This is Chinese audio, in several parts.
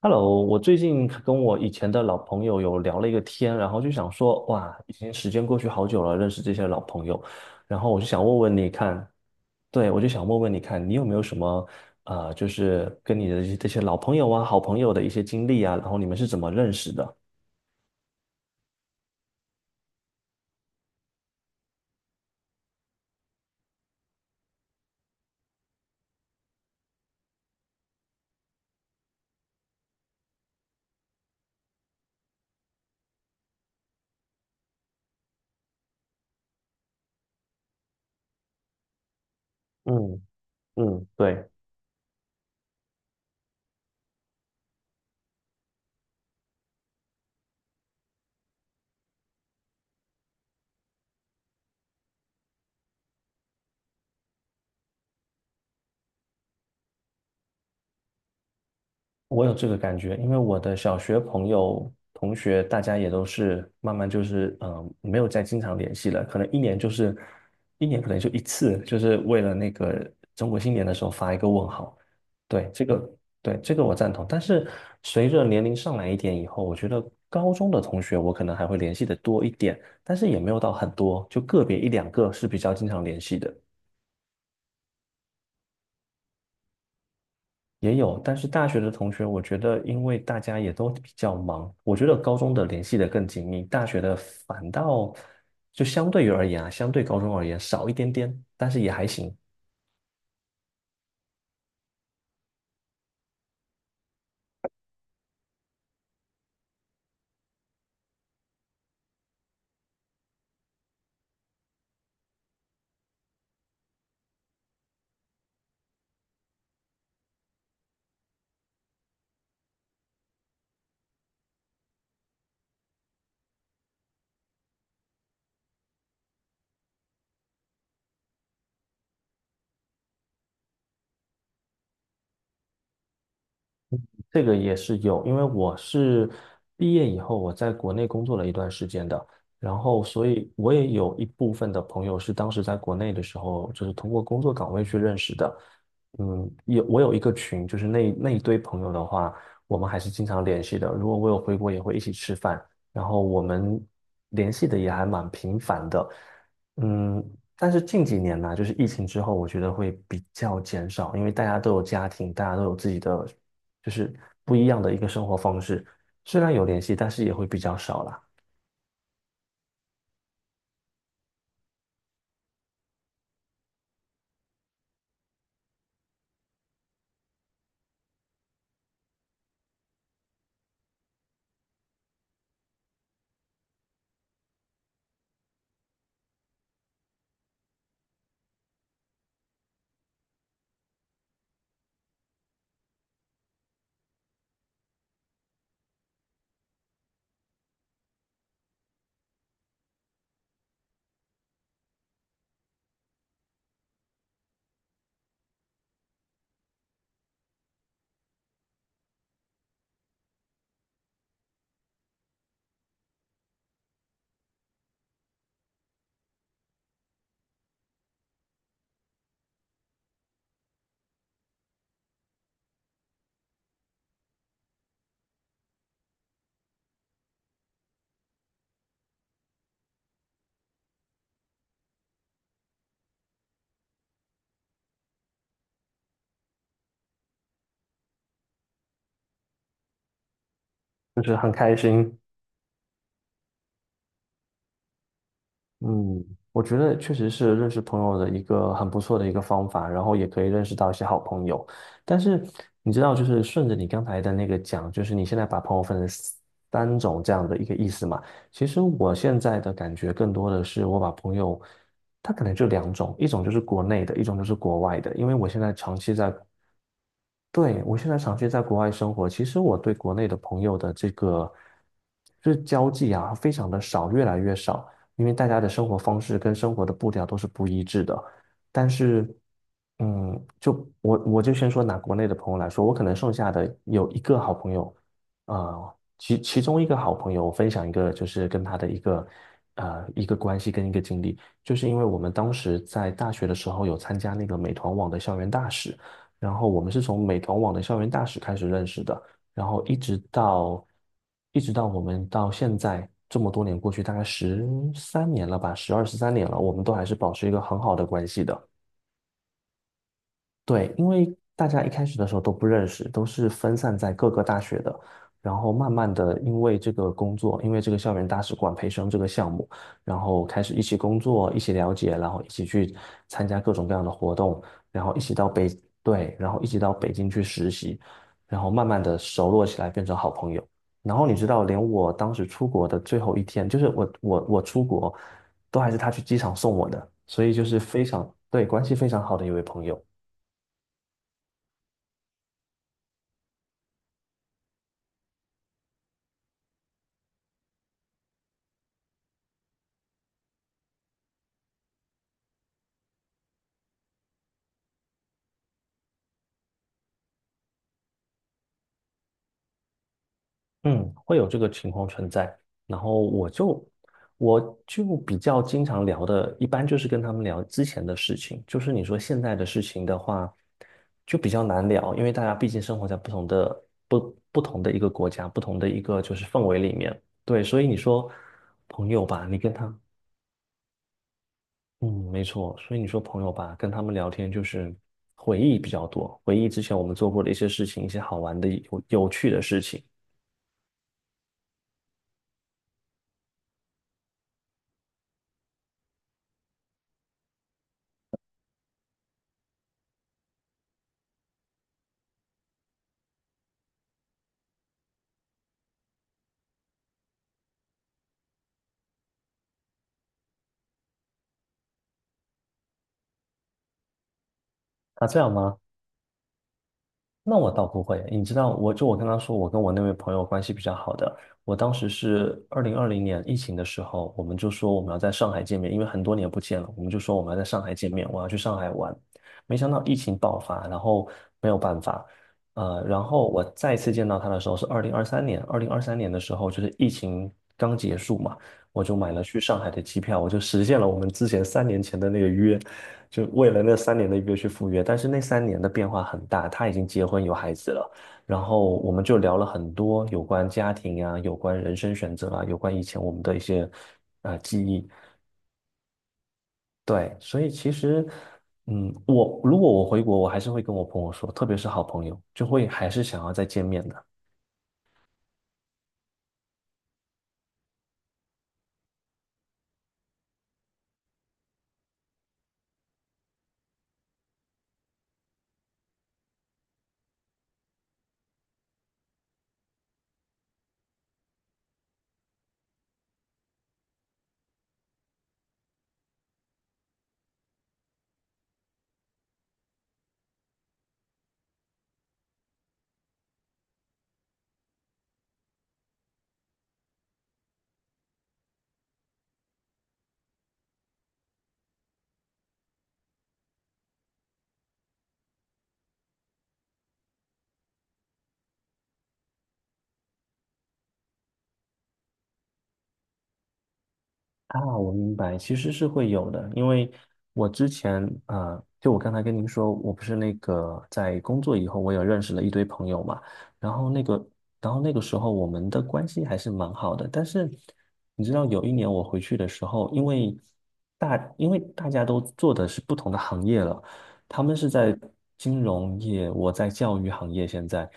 Hello，我最近跟我以前的老朋友有聊了一个天，然后就想说，哇，已经时间过去好久了，认识这些老朋友，然后我就想问问你看，对，我就想问问你看，你有没有什么就是跟你的这些老朋友啊、好朋友的一些经历啊，然后你们是怎么认识的？嗯嗯，对。我有这个感觉，因为我的小学朋友、同学，大家也都是慢慢就是，没有再经常联系了，可能一年就是一年，可能就一次，就是为了那个中国新年的时候发一个问号。对，这个，对，这个我赞同。但是随着年龄上来一点以后，我觉得高中的同学我可能还会联系的多一点，但是也没有到很多，就个别一两个是比较经常联系的。也有，但是大学的同学，我觉得因为大家也都比较忙，我觉得高中的联系的更紧密，大学的反倒就相对于而言啊，相对高中而言少一点点，但是也还行。这个也是有，因为我是毕业以后我在国内工作了一段时间的，然后所以我也有一部分的朋友是当时在国内的时候，就是通过工作岗位去认识的。嗯，有一个群，就是那一堆朋友的话，我们还是经常联系的。如果我有回国，也会一起吃饭，然后我们联系的也还蛮频繁的。嗯，但是近几年呢、就是疫情之后，我觉得会比较减少，因为大家都有家庭，大家都有自己的就是不一样的一个生活方式。虽然有联系，但是也会比较少啦，就是很开心。嗯，我觉得确实是认识朋友的一个很不错的一个方法，然后也可以认识到一些好朋友。但是你知道，就是顺着你刚才的那个讲，就是你现在把朋友分成三种这样的一个意思嘛。其实我现在的感觉更多的是，我把朋友，他可能就两种，一种就是国内的，一种就是国外的。因为我现在长期在对，我现在长期在国外生活，其实我对国内的朋友的这个就是交际啊，非常的少，越来越少，因为大家的生活方式跟生活的步调都是不一致的。但是，嗯，就我就先说拿国内的朋友来说，我可能剩下的有一个好朋友，其中一个好朋友，我分享一个就是跟他的一个一个关系跟一个经历，就是因为我们当时在大学的时候有参加那个美团网的校园大使。然后我们是从美团网的校园大使开始认识的，然后一直到我们到现在这么多年过去，大概十三年了吧，12、13年了，我们都还是保持一个很好的关系的。对，因为大家一开始的时候都不认识，都是分散在各个大学的，然后慢慢的因为这个工作，因为这个校园大使馆培生这个项目，然后开始一起工作，一起了解，然后一起去参加各种各样的活动，然后一起到北，对，然后一起到北京去实习，然后慢慢的熟络起来，变成好朋友。然后你知道，连我当时出国的最后一天，就是我出国，都还是他去机场送我的，所以就是非常，对，关系非常好的一位朋友。嗯，会有这个情况存在。然后我就比较经常聊的，一般就是跟他们聊之前的事情。就是你说现在的事情的话，就比较难聊，因为大家毕竟生活在不同的不同的一个国家，不同的一个就是氛围里面。对，所以你说朋友吧，你跟他，嗯，没错。所以你说朋友吧，跟他们聊天就是回忆比较多，回忆之前我们做过的一些事情，一些好玩的、有趣的事情。啊，这样吗？那我倒不会，你知道，我就我刚刚说，我跟我那位朋友关系比较好的，我当时是2020年疫情的时候，我们就说我们要在上海见面，因为很多年不见了，我们就说我们要在上海见面，我要去上海玩。没想到疫情爆发，然后没有办法，然后我再次见到他的时候是二零二三年，二零二三年的时候就是疫情刚结束嘛，我就买了去上海的机票，我就实现了我们之前3年前的那个约。就为了那三年的约去赴约，但是那三年的变化很大，他已经结婚有孩子了，然后我们就聊了很多有关家庭啊、有关人生选择啊、有关以前我们的一些记忆，对，所以其实，嗯，如果我回国，我还是会跟我朋友说，特别是好朋友，就会还是想要再见面的。啊，我明白，其实是会有的，因为我之前就我刚才跟您说，我不是那个在工作以后，我有认识了一堆朋友嘛，然后那个，然后那个时候我们的关系还是蛮好的，但是你知道，有一年我回去的时候，因为因为大家都做的是不同的行业了，他们是在金融业，我在教育行业现在。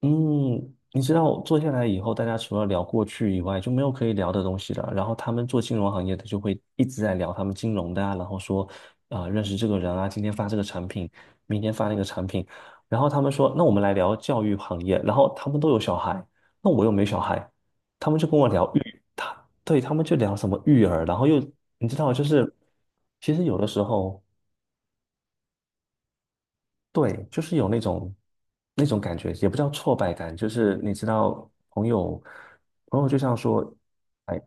嗯，你知道坐下来以后，大家除了聊过去以外，就没有可以聊的东西了。然后他们做金融行业的就会一直在聊他们金融的啊，然后说认识这个人啊，今天发这个产品，明天发那个产品。然后他们说，那我们来聊教育行业。然后他们都有小孩，那我又没小孩，他们就跟我聊育，他们就聊什么育儿，然后又你知道，就是其实有的时候。对，就是有那种感觉，也不叫挫败感，就是你知道，朋友就像说，哎，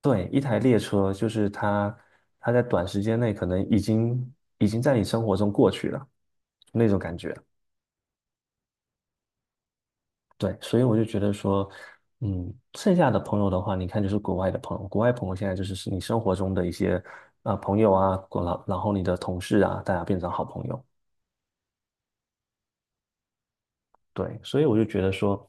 对，一台列车，就是它在短时间内可能已经在你生活中过去了，那种感觉。对，所以我就觉得说，嗯，剩下的朋友的话，你看就是国外的朋友，国外朋友现在是你生活中的一些朋友啊，然后你的同事啊，大家变成好朋友。对，所以我就觉得说，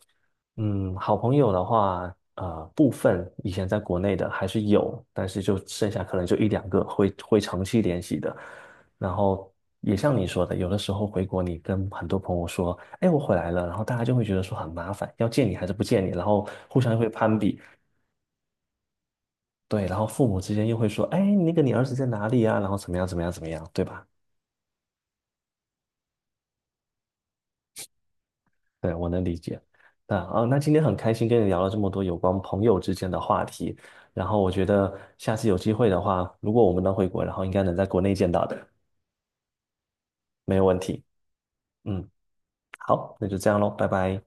嗯，好朋友的话，部分以前在国内的还是有，但是就剩下可能就一两个会长期联系的。然后也像你说的，有的时候回国，你跟很多朋友说，哎，我回来了，然后大家就会觉得说很麻烦，要见你还是不见你，然后互相又会攀比，对，然后父母之间又会说，哎，那个你儿子在哪里啊？然后怎么样怎么样怎么样，对吧？对，我能理解。那今天很开心跟你聊了这么多有关朋友之间的话题，然后我觉得下次有机会的话，如果我们能回国，然后应该能在国内见到的，没有问题。嗯，好，那就这样喽，拜拜。